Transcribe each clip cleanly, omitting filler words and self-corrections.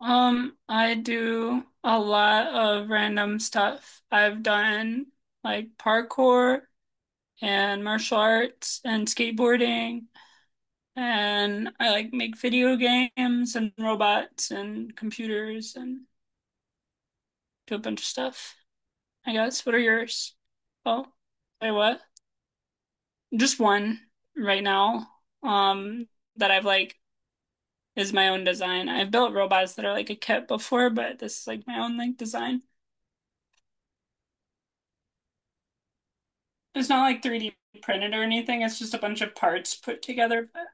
I do a lot of random stuff. I've done like parkour and martial arts and skateboarding, and I like make video games and robots and computers and do a bunch of stuff, I guess. What are yours? Oh, wait, what? Just one right now. Um, that I've like is my own design. I've built robots that are like a kit before, but this is like my own like design. It's not like 3D printed or anything. It's just a bunch of parts put together. But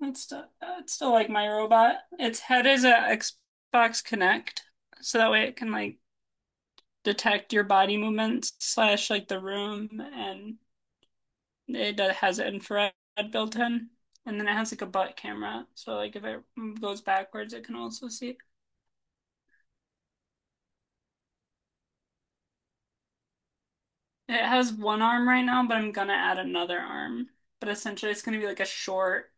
it's still like my robot. Its head is a Xbox Connect, so that way it can like detect your body movements slash like the room, and it has infrared built in. And then it has like a butt camera, so like if it goes backwards, it can also see. It has one arm right now, but I'm gonna add another arm. But essentially, it's gonna be like a short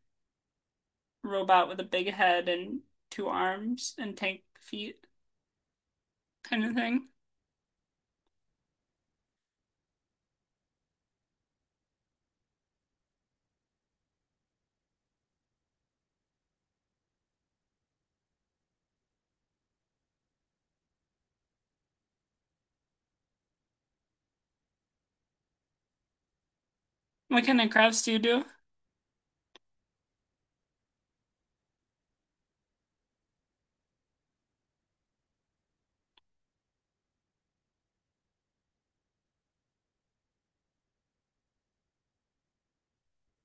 robot with a big head and two arms and tank feet kind of thing. What kind of crafts do you do? Well,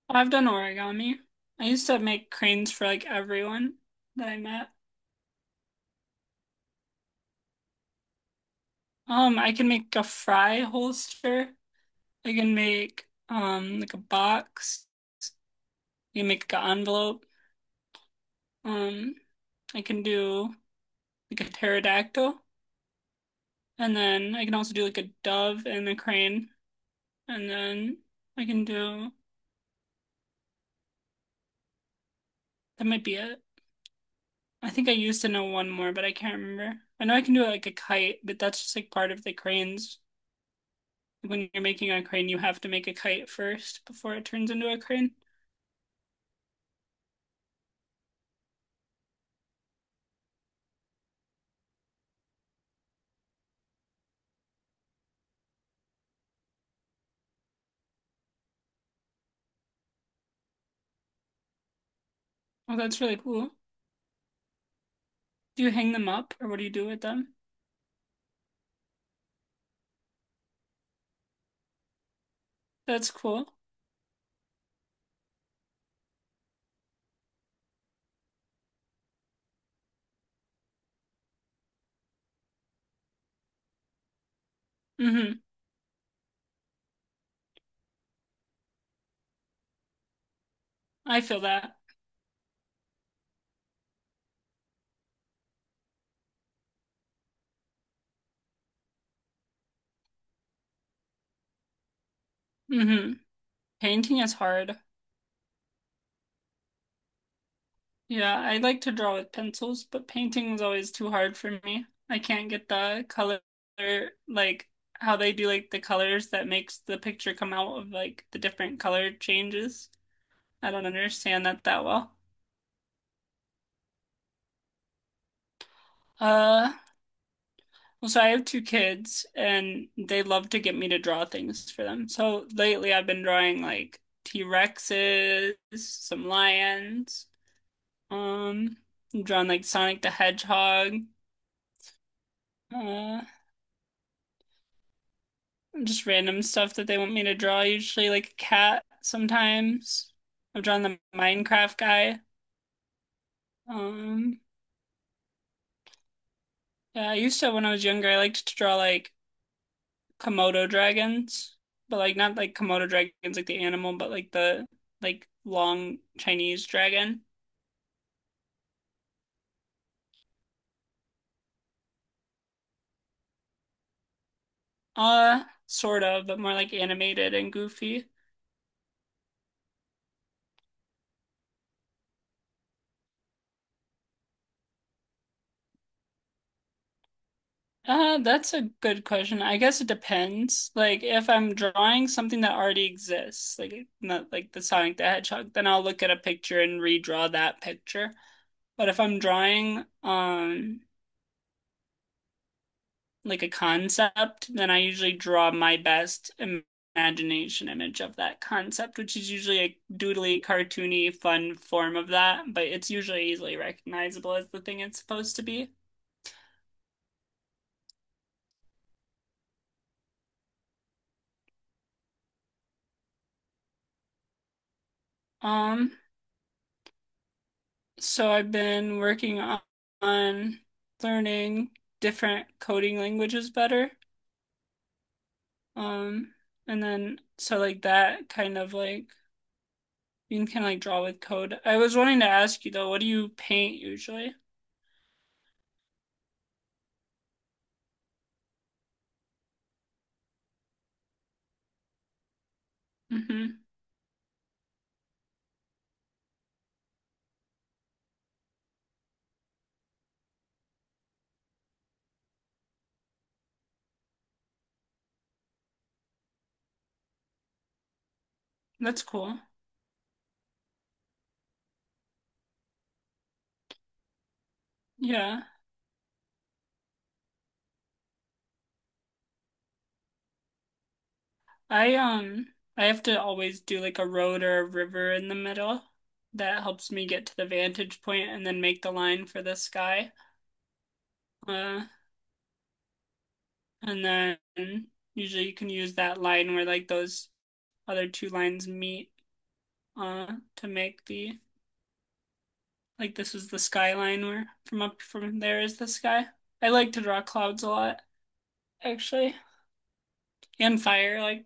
I've done origami. I used to make cranes for like everyone that I met. I can make a fry holster. I can make like a box. I can make an envelope. Um, I can do like a pterodactyl, and then I can also do like a dove and a crane, and then I can do that might be it. I think I used to know one more, but I can't remember. I know I can do like a kite, but that's just like part of the cranes. When you're making a crane, you have to make a kite first before it turns into a crane. Oh, that's really cool. Do you hang them up or what do you do with them? That's cool. Mm-hmm. I feel that. Mm-hmm. Painting is hard. Yeah, I like to draw with pencils, but painting is always too hard for me. I can't get the color, like how they do like the colors that makes the picture come out of like the different color changes. I don't understand that that well. Uh, well, so I have two kids, and they love to get me to draw things for them. So lately, I've been drawing like T-Rexes, some lions, um, I'm drawing like Sonic the Hedgehog, uh, just random stuff that they want me to draw. Usually, like a cat. Sometimes I've drawn the Minecraft guy. Um, yeah, I used to when I was younger. I liked to draw like Komodo dragons, but like not like Komodo dragons like the animal, but like the like long Chinese dragon. Sort of, but more like animated and goofy. That's a good question. I guess it depends. Like if I'm drawing something that already exists, like not like the Sonic the Hedgehog, then I'll look at a picture and redraw that picture. But if I'm drawing like a concept, then I usually draw my best imagination image of that concept, which is usually a doodly, cartoony, fun form of that, but it's usually easily recognizable as the thing it's supposed to be. Um, so I've been working on learning different coding languages better. Um, and then so like that kind of like you can kind of like draw with code. I was wanting to ask you though, what do you paint usually? Hmm. That's cool. Yeah. I um I have to always do like a road or a river in the middle. That helps me get to the vantage point and then make the line for the sky. Uh, and then usually you can use that line where like those other two lines meet uh to make the like this is the skyline where from up from there is the sky. I like to draw clouds a lot actually and fire like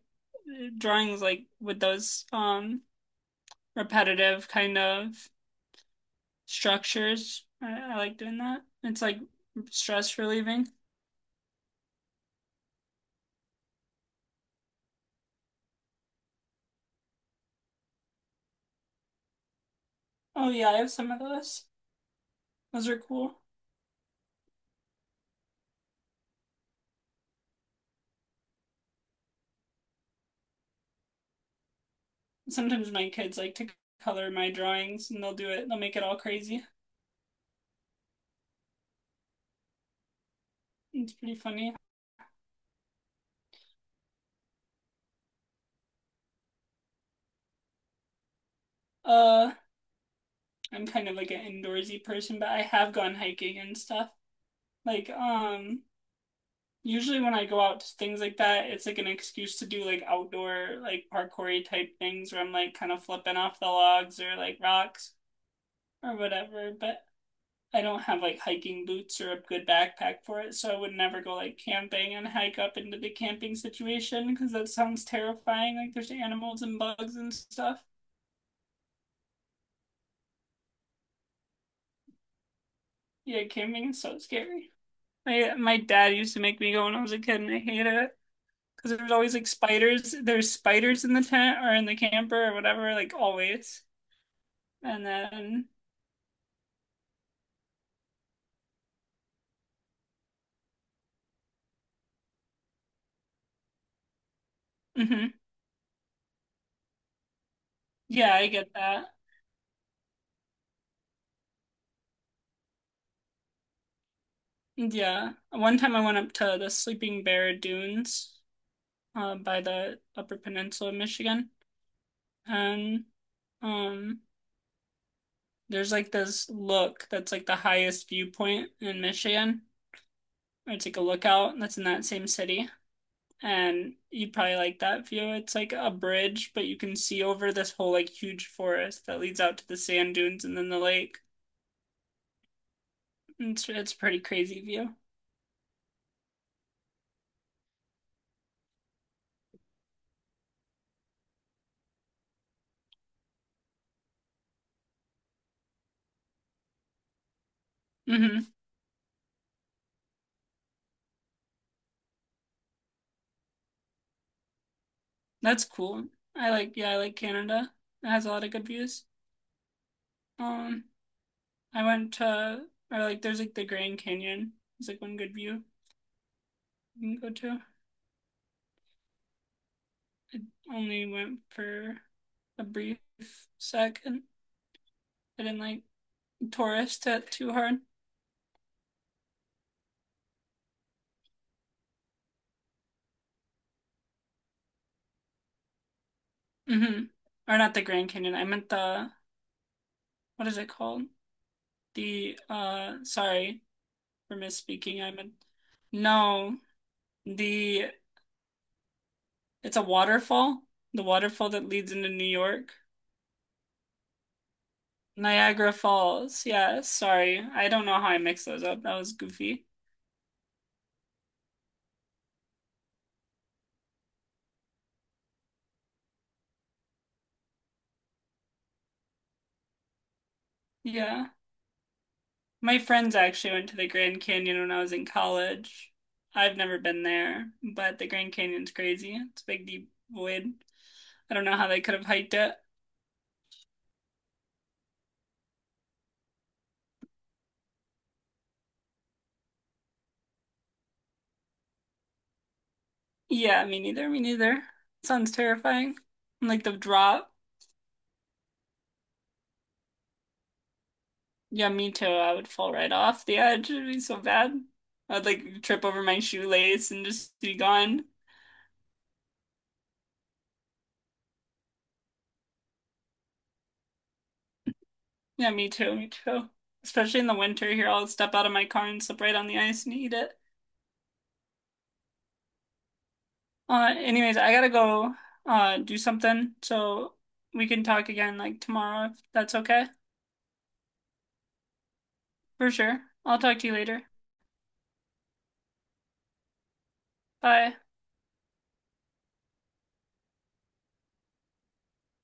drawings like with those repetitive kind of structures. I like doing that. It's like stress relieving. Oh yeah, I have some of those. Those are cool. Sometimes my kids like to color my drawings and they'll do it. They'll make it all crazy. It's pretty funny. Uh, I'm kind of like an indoorsy person, but I have gone hiking and stuff. Like, usually when I go out to things like that, it's like an excuse to do like outdoor, like parkoury type things where I'm like kind of flipping off the logs or like rocks or whatever. But I don't have like hiking boots or a good backpack for it, so I would never go like camping and hike up into the camping situation because that sounds terrifying. Like there's animals and bugs and stuff. Yeah, camping is so scary. My dad used to make me go when I was a kid, and I hated it because there was always like spiders. There's spiders in the tent or in the camper or whatever, like always. And then, hmm. Yeah, I get that. Yeah, one time I went up to the Sleeping Bear Dunes by the Upper Peninsula of Michigan. And um, there's like this look that's like the highest viewpoint in Michigan. Or it's like a lookout that's in that same city. And you probably like that view. It's like a bridge, but you can see over this whole like huge forest that leads out to the sand dunes and then the lake. It's a pretty crazy view. Hmm. That's cool. I like yeah, I like Canada. It has a lot of good views. Um, I went to or like there's like the Grand Canyon. It's like one good view you can go to. Only went for a brief second. I didn't like tourist it too hard. Hmm. Or not the Grand Canyon. I meant the what is it called? The sorry for misspeaking. I meant no, the it's a waterfall. The waterfall that leads into New York. Niagara Falls. Yeah, sorry. I don't know how I mixed those up. That was goofy. Yeah. My friends actually went to the Grand Canyon when I was in college. I've never been there, but the Grand Canyon's crazy. It's a big, deep void. I don't know how they could have hiked it. Yeah, me neither. Me neither. Sounds terrifying. And, like the drop. Yeah, me too. I would fall right off the edge. It'd be so bad. I'd like trip over my shoelace and just be gone. Yeah, me too. Me too. Especially in the winter here, I'll step out of my car and slip right on the ice and eat it. Anyways, I gotta go do something, so we can talk again like tomorrow if that's okay. For sure. I'll talk to you later. Bye.